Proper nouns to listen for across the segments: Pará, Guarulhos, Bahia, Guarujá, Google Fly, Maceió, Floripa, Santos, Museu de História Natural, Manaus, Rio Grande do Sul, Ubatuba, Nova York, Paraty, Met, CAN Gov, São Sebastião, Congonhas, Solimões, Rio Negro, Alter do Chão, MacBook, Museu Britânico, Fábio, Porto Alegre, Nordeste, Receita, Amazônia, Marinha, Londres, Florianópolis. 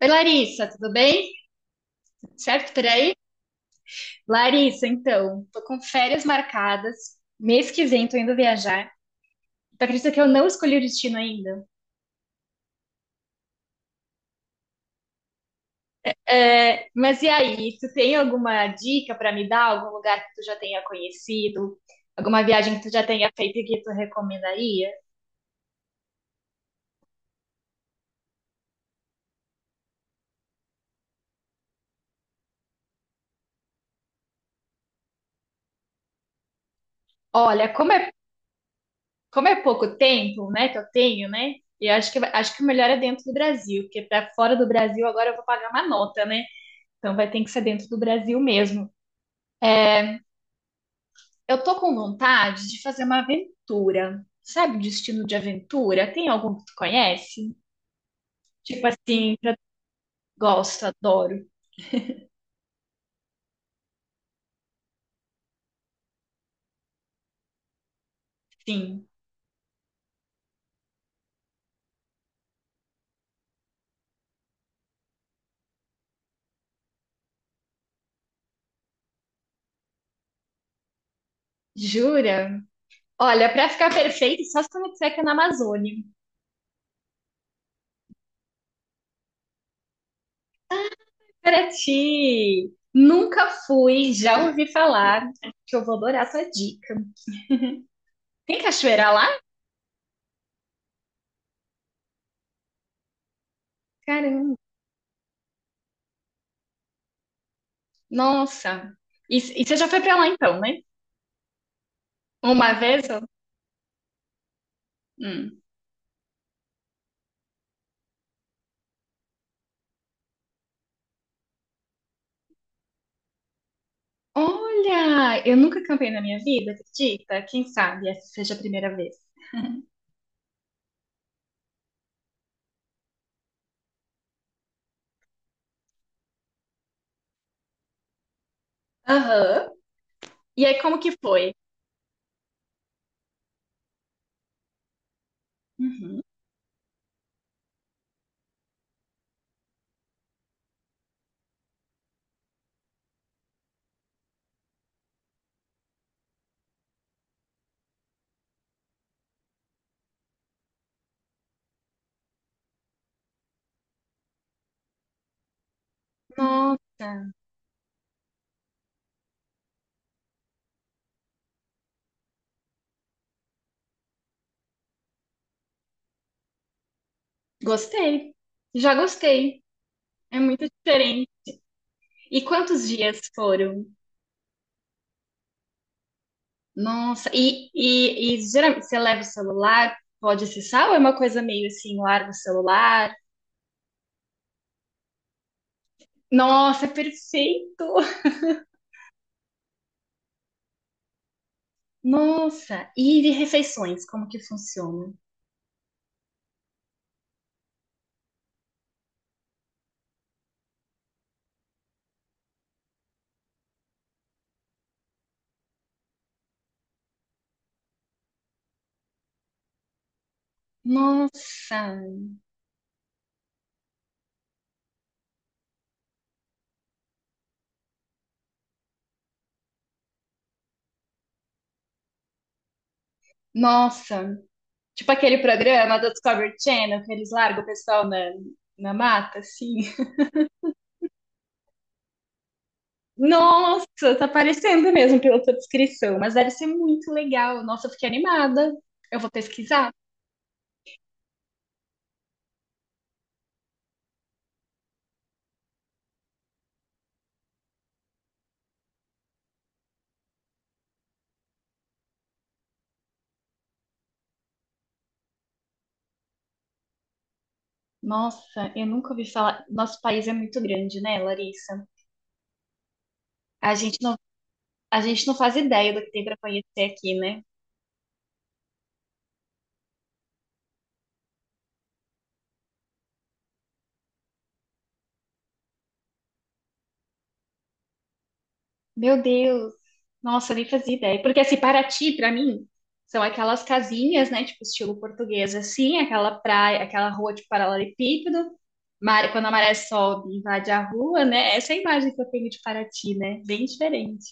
Oi, Larissa, tudo bem? Certo por aí? Larissa, então, tô com férias marcadas. Mês que vem tô indo viajar. Tu acredita que eu não escolhi o destino ainda? É, mas e aí, tu tem alguma dica pra me dar? Algum lugar que tu já tenha conhecido? Alguma viagem que tu já tenha feito e que tu recomendaria? Olha, como é pouco tempo, né, que eu tenho, né? E acho que, acho que o melhor é dentro do Brasil, porque pra fora do Brasil agora eu vou pagar uma nota, né? Então vai ter que ser dentro do Brasil mesmo. É, eu tô com vontade de fazer uma aventura. Sabe, destino de aventura? Tem algum que tu conhece? Tipo assim, pra... gosto, adoro. Sim. Jura? Olha, pra ficar perfeito, só se tu me disser que é na Amazônia. Paraty! Nunca fui, já ouvi falar. Acho que eu vou adorar essa dica. Tem cachoeira lá? Caramba! Nossa! E você já foi pra lá então, né? Uma vez? Ó? Hum. Olha, eu nunca cantei na minha vida, acredita? Quem sabe essa seja a primeira vez. Aham. E aí, como que foi? Uhum. Nossa, gostei. Já gostei. É muito diferente. E quantos dias foram? Nossa, e geralmente você leva o celular, pode acessar, ou é uma coisa meio assim, larga o celular? Nossa, é perfeito! Nossa, e de refeições, como que funciona? Nossa, nossa. Tipo aquele programa do Discovery Channel que eles largam o pessoal na, na mata, assim. Nossa, tá parecendo mesmo pela tua descrição, mas deve ser muito legal. Nossa, eu fiquei animada. Eu vou pesquisar. Nossa, eu nunca ouvi falar. Nosso país é muito grande, né, Larissa? A gente não, a gente não faz ideia do que tem pra conhecer aqui, né? Meu Deus. Nossa, eu nem fazia ideia. Porque assim, Paraty, pra mim, são aquelas casinhas, né, tipo estilo português, assim, aquela praia, aquela rua de paralelepípedo, quando a maré sobe e invade a rua, né? Essa é a imagem que eu tenho de Paraty, né? Bem diferente.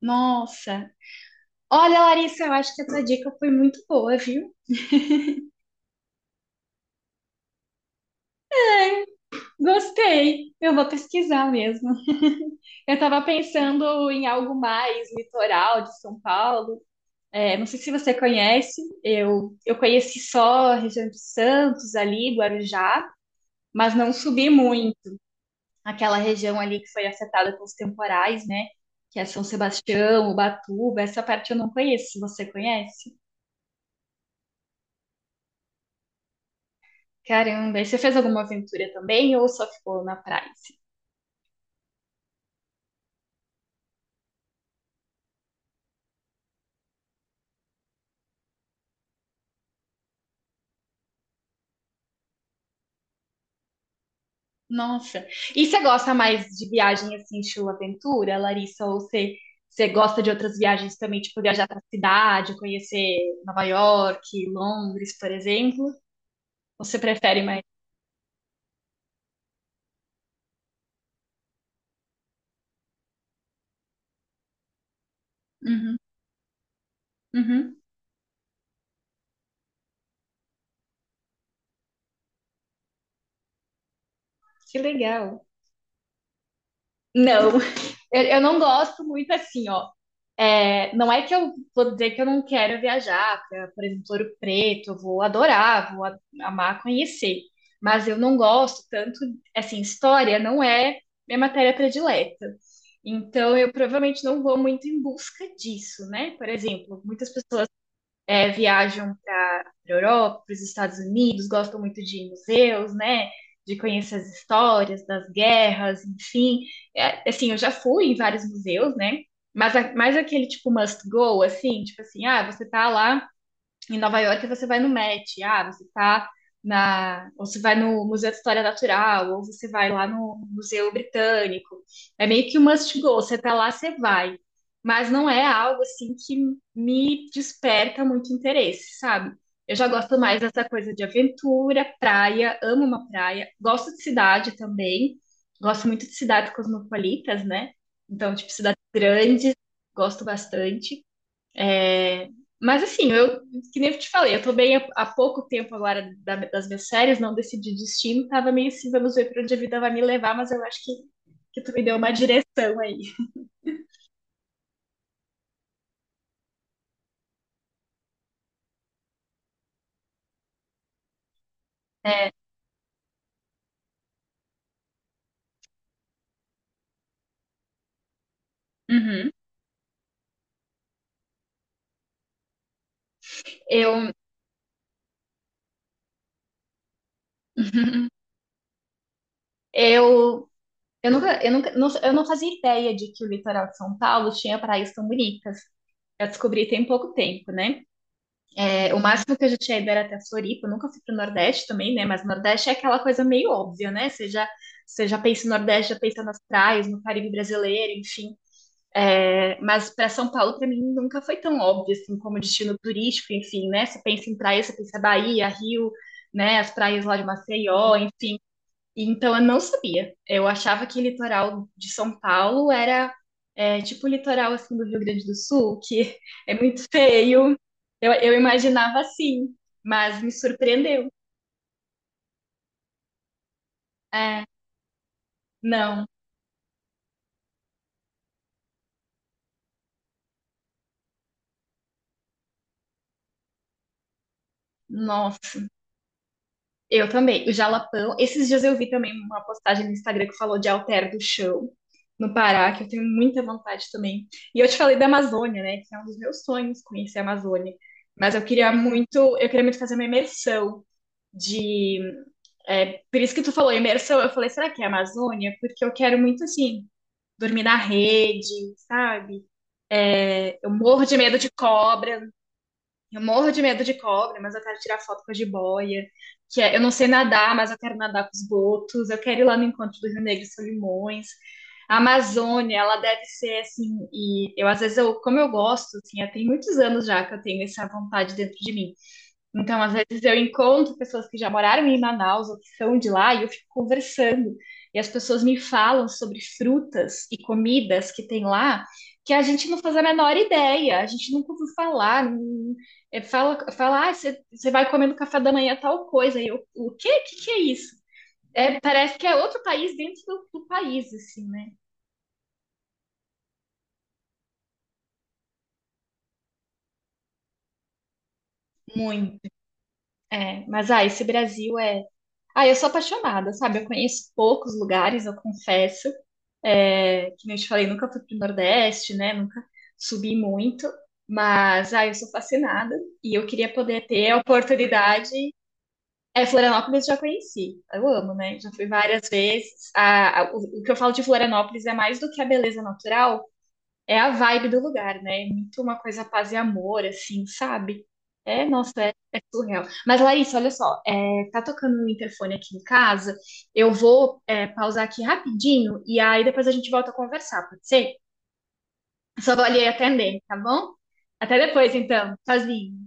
Nossa! Olha, Larissa, eu acho que essa dica foi muito boa, viu? Gostei! Eu vou pesquisar mesmo. Eu estava pensando em algo mais litoral de São Paulo. É, não sei se você conhece, eu conheci só a região de Santos ali, Guarujá, mas não subi muito. Aquela região ali que foi afetada pelos temporais, né? Que é São Sebastião, Ubatuba, essa parte eu não conheço, você conhece? Caramba, e você fez alguma aventura também ou só ficou na praia? Assim? Nossa, e você gosta mais de viagem assim, estilo aventura, Larissa? Você gosta de outras viagens também, tipo viajar pra cidade, conhecer Nova York, Londres, por exemplo? Ou você prefere mais? Uhum, uhum. Que legal. Não, eu não gosto muito assim, ó. É, não é que eu vou dizer que eu não quero viajar para, por exemplo, Ouro Preto, eu vou adorar, amar conhecer, mas eu não gosto tanto, assim, história não é minha matéria predileta. Então, eu provavelmente não vou muito em busca disso, né? Por exemplo, muitas pessoas viajam para a Europa, para os Estados Unidos, gostam muito de museus, né? De conhecer as histórias das guerras, enfim. É, assim, eu já fui em vários museus, né? Mas mais aquele tipo must go, assim, tipo assim, ah, você tá lá em Nova York você vai no Met, ah, você tá na, ou você vai no Museu de História Natural, ou você vai lá no Museu Britânico. É meio que um must go, você tá lá, você vai. Mas não é algo assim que me desperta muito interesse, sabe? Eu já gosto mais dessa coisa de aventura, praia, amo uma praia, gosto de cidade também, gosto muito de cidades cosmopolitas, né? Então, tipo, cidades grandes, gosto bastante. É, mas assim, que nem eu te falei, eu tô bem há pouco tempo agora das minhas séries, não decidi destino, tava meio assim, vamos ver pra onde a vida vai me levar, mas eu acho que tu me deu uma direção aí. Uhum. Eu, eu, eu nunca, eu não fazia ideia de que o litoral de São Paulo tinha praias tão bonitas. Eu descobri tem pouco tempo, né? É, o máximo que eu já tinha ido era até Floripa, eu nunca fui pro Nordeste também, né? Mas o Nordeste é aquela coisa meio óbvia, né? Você já pensa no Nordeste, já pensa nas praias, no Caribe brasileiro, enfim. É, mas para São Paulo, para mim, nunca foi tão óbvio assim como destino turístico, enfim, né? Você pensa em praia, você pensa Bahia, Rio, né? As praias lá de Maceió, enfim. Então, eu não sabia. Eu achava que litoral de São Paulo era tipo o litoral assim do Rio Grande do Sul, que é muito feio. Eu imaginava assim, mas me surpreendeu. É, não, nossa, eu também. O Jalapão, esses dias eu vi também uma postagem no Instagram que falou de Alter do Chão, no Pará, que eu tenho muita vontade também. E eu te falei da Amazônia, né? Que é um dos meus sonhos conhecer a Amazônia. Mas eu queria muito fazer uma imersão de é, por isso que tu falou imersão, eu falei, será que é Amazônia? Porque eu quero muito, assim, dormir na rede, sabe? Eu morro de medo de cobra, eu morro de medo de cobra, mas eu quero tirar foto com a jiboia, que é, eu não sei nadar, mas eu quero nadar com os botos, eu quero ir lá no encontro do Rio Negro e Solimões. A Amazônia, ela deve ser assim, e eu às vezes eu, como eu gosto, assim, já tem muitos anos já que eu tenho essa vontade dentro de mim. Então, às vezes eu encontro pessoas que já moraram em Manaus ou que são de lá e eu fico conversando. E as pessoas me falam sobre frutas e comidas que tem lá que a gente não faz a menor ideia, a gente nunca ouviu falar. É, fala, fala, ah, você vai comer no café da manhã tal coisa. E eu, o quê? O que que é isso? É, parece que é outro país dentro do país, assim, né? Muito. É, mas ah, esse Brasil é. Ah, eu sou apaixonada, sabe? Eu conheço poucos lugares, eu confesso. É, que nem eu te falei, nunca fui pro Nordeste, né? Nunca subi muito, mas ah, eu sou fascinada e eu queria poder ter a oportunidade. É, Florianópolis eu já conheci, eu amo, né? Já fui várias vezes. O que eu falo de Florianópolis é mais do que a beleza natural, é a vibe do lugar, né? É muito uma coisa paz e amor, assim, sabe? É, nossa, é, é surreal. Mas, Larissa, olha só, é, tá tocando um interfone aqui em casa. Eu vou, é, pausar aqui rapidinho e aí depois a gente volta a conversar, pode ser? Só vou ali atender, tá bom? Até depois, então. Tchauzinho.